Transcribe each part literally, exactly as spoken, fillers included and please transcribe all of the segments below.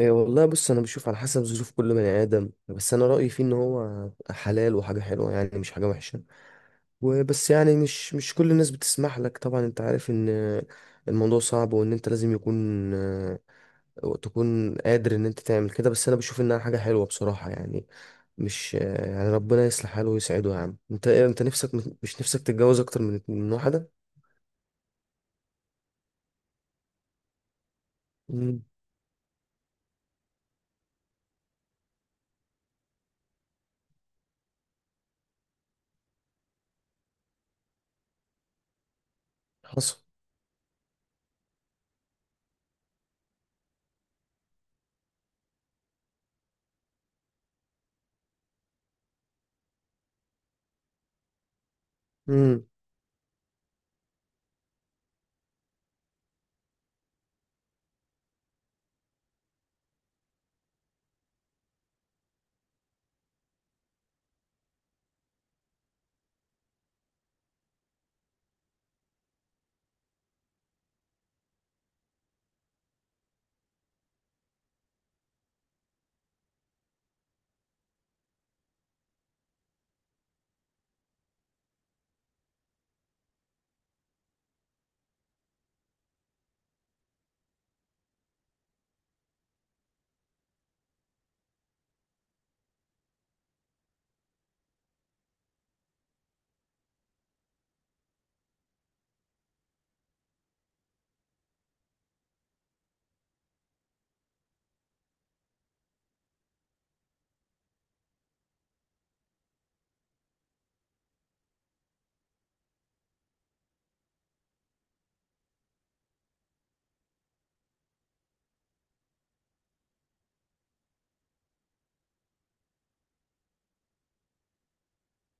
إيه، والله بص، انا بشوف على حسب ظروف كل بني ادم. بس انا رايي فيه ان هو حلال وحاجه حلوه، يعني مش حاجه وحشه. وبس يعني مش مش كل الناس بتسمح لك. طبعا انت عارف ان الموضوع صعب، وان انت لازم يكون آه، تكون قادر ان انت تعمل كده. بس انا بشوف انها حاجه حلوه بصراحه، يعني مش آه، يعني ربنا يصلح حاله ويسعده. يا عم انت إيه- انت نفسك، مش نفسك تتجوز اكتر من من واحده؟ مم. حصل. مم.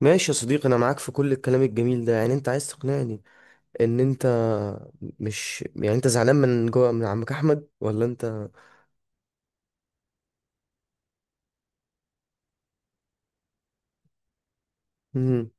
ماشي يا صديقي، انا معاك في كل الكلام الجميل ده. يعني انت عايز تقنعني ان انت مش، يعني انت زعلان من جوه من عمك احمد، ولا انت؟ مم.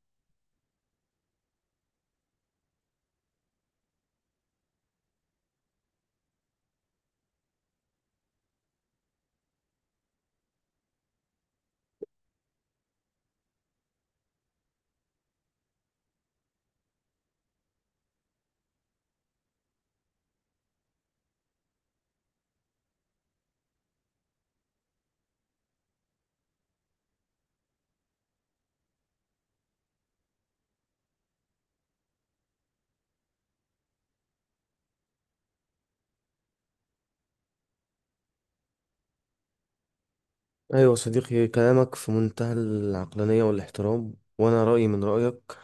ايوه يا صديقي، كلامك في منتهى العقلانيه والاحترام، وانا رايي من رايك.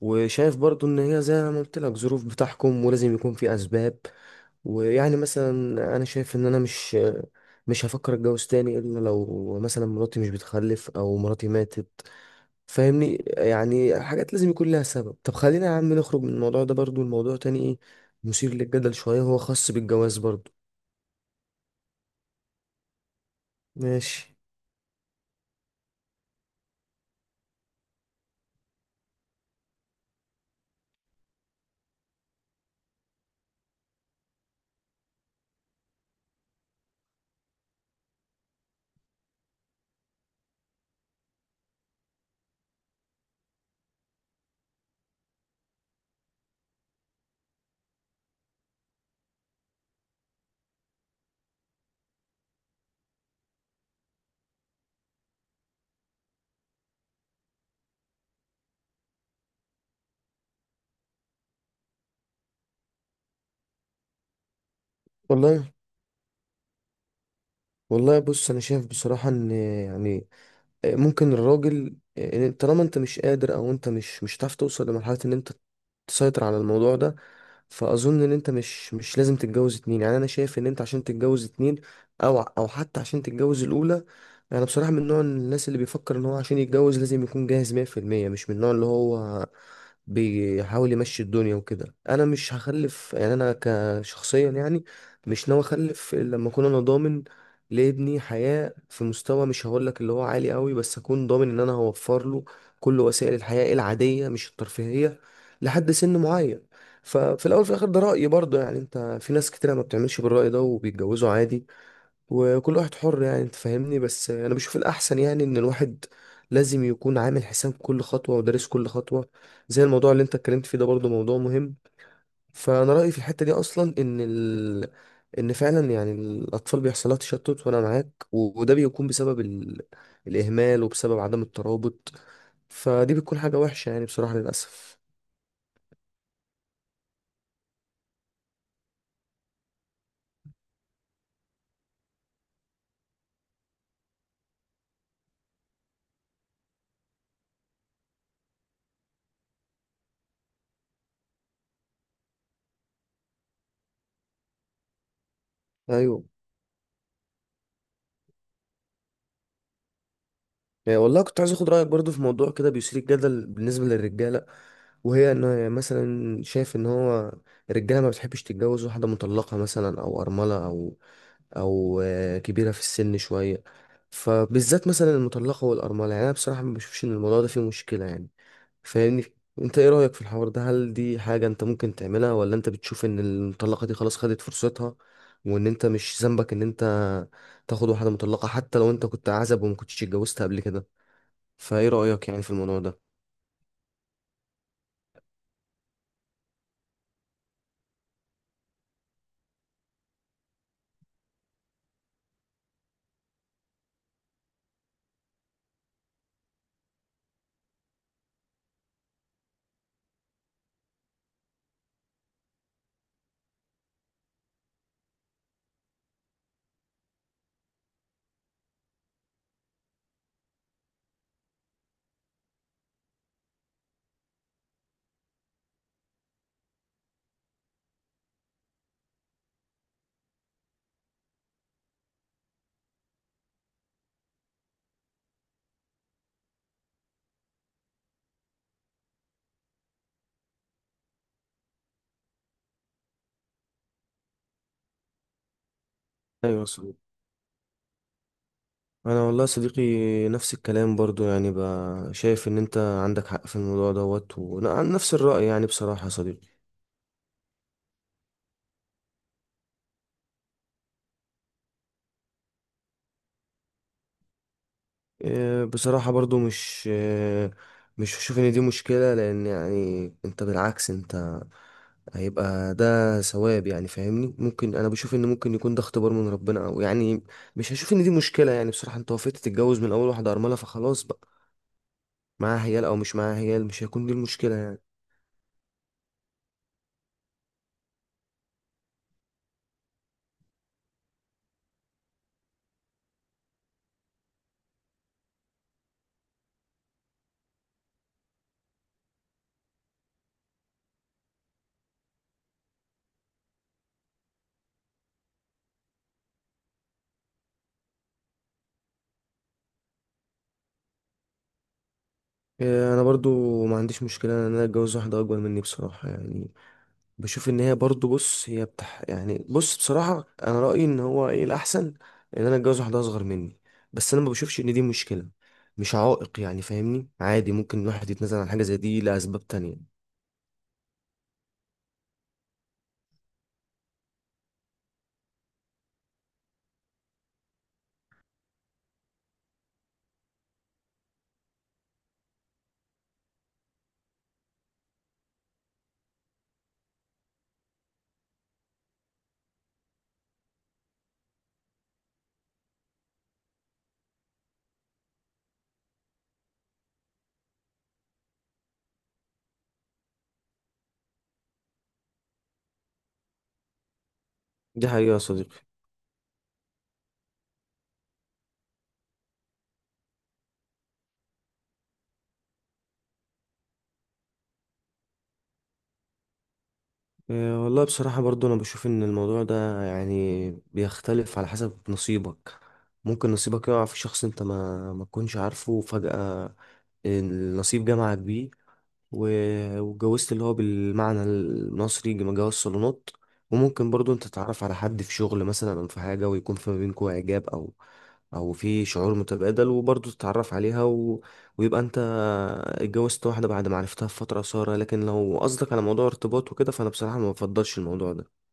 وشايف برضو ان هي زي ما قلت لك ظروف بتحكم، ولازم يكون في اسباب. ويعني مثلا انا شايف ان انا مش مش هفكر اتجوز تاني الا لو مثلا مراتي مش بتخلف او مراتي ماتت. فاهمني، يعني حاجات لازم يكون لها سبب. طب خلينا يا عم نخرج من الموضوع ده. برضو الموضوع تاني ايه، مثير للجدل شوية. هو خاص بالجواز برضو. ماشي. والله، والله بص انا شايف بصراحة ان يعني ممكن الراجل، إن طالما انت مش قادر او انت مش مش هتعرف توصل لمرحلة ان انت تسيطر على الموضوع ده، فاظن ان انت مش مش لازم تتجوز اتنين. يعني انا شايف ان انت عشان تتجوز اتنين او او حتى عشان تتجوز الاولى، انا بصراحه من نوع الناس اللي بيفكر ان هو عشان يتجوز لازم يكون جاهز مئة في المئة. مش من النوع اللي هو بيحاول يمشي الدنيا وكده. انا مش هخلف، يعني انا كشخصيا يعني مش ناوي اخلف إلا لما اكون انا ضامن لابني حياة في مستوى، مش هقول لك اللي هو عالي قوي، بس اكون ضامن ان انا هوفر له كل وسائل الحياة العادية، مش الترفيهية، لحد سن معين. ففي الاول وفي الاخر ده رأيي برضه. يعني انت في ناس كتير ما بتعملش بالرأي ده وبيتجوزوا عادي، وكل واحد حر. يعني انت فاهمني، بس انا بشوف الاحسن يعني ان الواحد لازم يكون عامل حساب كل خطوة ودارس كل خطوة. زي الموضوع اللي انت اتكلمت فيه ده برضه موضوع مهم. فانا رأيي في الحتة دي اصلا ان ال... ان فعلا يعني الاطفال بيحصل لها تشتت، وانا معاك. و- وده بيكون بسبب ال... الاهمال وبسبب عدم الترابط. فدي بتكون حاجة وحشة يعني بصراحة، للاسف. ايوه. يعني والله كنت عايز اخد رأيك برضه في موضوع كده بيثير الجدل بالنسبة للرجالة. وهي ان مثلا شايف ان هو الرجاله ما بتحبش تتجوز واحده مطلقه مثلا، او ارمله، او او آه، كبيره في السن شويه. فبالذات مثلا المطلقه والارمله، يعني انا بصراحه ما بشوفش ان الموضوع ده فيه مشكله يعني. فاهمني. انت ايه رايك في الحوار ده؟ هل دي حاجه انت ممكن تعملها، ولا انت بتشوف ان المطلقه دي خلاص خدت فرصتها، وان انت مش ذنبك ان انت تاخد واحده مطلقه حتى لو انت كنت عزب وما كنتش اتجوزت قبل كده؟ فايه رايك يعني في الموضوع ده؟ ايوه. انا والله يا صديقي نفس الكلام برضو، يعني بقى شايف ان انت عندك حق في الموضوع دوت، وانا عن نفس الرأي يعني بصراحة يا صديقي. إيه، بصراحة برضو مش، إيه، مش بشوف ان دي مشكلة. لان يعني انت بالعكس، انت هيبقى ده ثواب يعني. فاهمني، ممكن انا بشوف ان ممكن يكون ده اختبار من ربنا، او يعني مش هشوف ان دي مشكلة يعني بصراحة. انت وافقت تتجوز من اول واحدة ارملة، فخلاص بقى، معاها عيال او مش معاها عيال، مش هيكون دي المشكلة يعني. إيه، انا برضو ما عنديش مشكله ان انا اتجوز واحده اكبر مني بصراحه. يعني بشوف ان هي برضو، بص هي بتح يعني بص بصراحه انا رايي ان هو ايه الاحسن ان انا اتجوز واحده اصغر مني. بس انا ما بشوفش ان دي مشكله، مش عائق. يعني فاهمني عادي، ممكن الواحد يتنازل عن حاجه زي دي لاسباب تانية. دي حقيقه يا صديقي. إيه، والله بصراحه برضو انا بشوف ان الموضوع ده يعني بيختلف على حسب نصيبك. ممكن نصيبك يقع في شخص انت ما ما تكونش عارفه فجاه، نصيب جامعة كبير. و- واتجوزت اللي هو بالمعنى المصري جم- جواز صالونات. وممكن برضو انت تتعرف على حد في شغل مثلا او في حاجة، ويكون في ما بينكوا اعجاب، او او في شعور متبادل، وبرضو تتعرف عليها و... ويبقى انت اتجوزت واحدة بعد ما عرفتها في فترة قصيرة. لكن لو قصدك على موضوع ارتباط وكده، فانا بصراحة ما بفضلش الموضوع ده.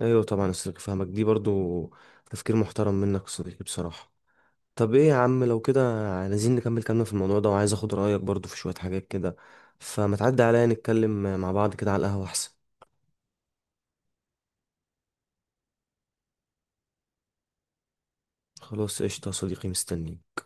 ايوه طبعا، أصل فاهمك دي برضو. تفكير محترم منك يا صديقي بصراحة. طب ايه يا عم، لو كده عايزين نكمل كلامنا في الموضوع ده، وعايز اخد رأيك برضو في شوية حاجات كده، فما تعدي عليا نتكلم مع بعض كده على القهوة احسن. خلاص قشطة يا صديقي، مستنيك.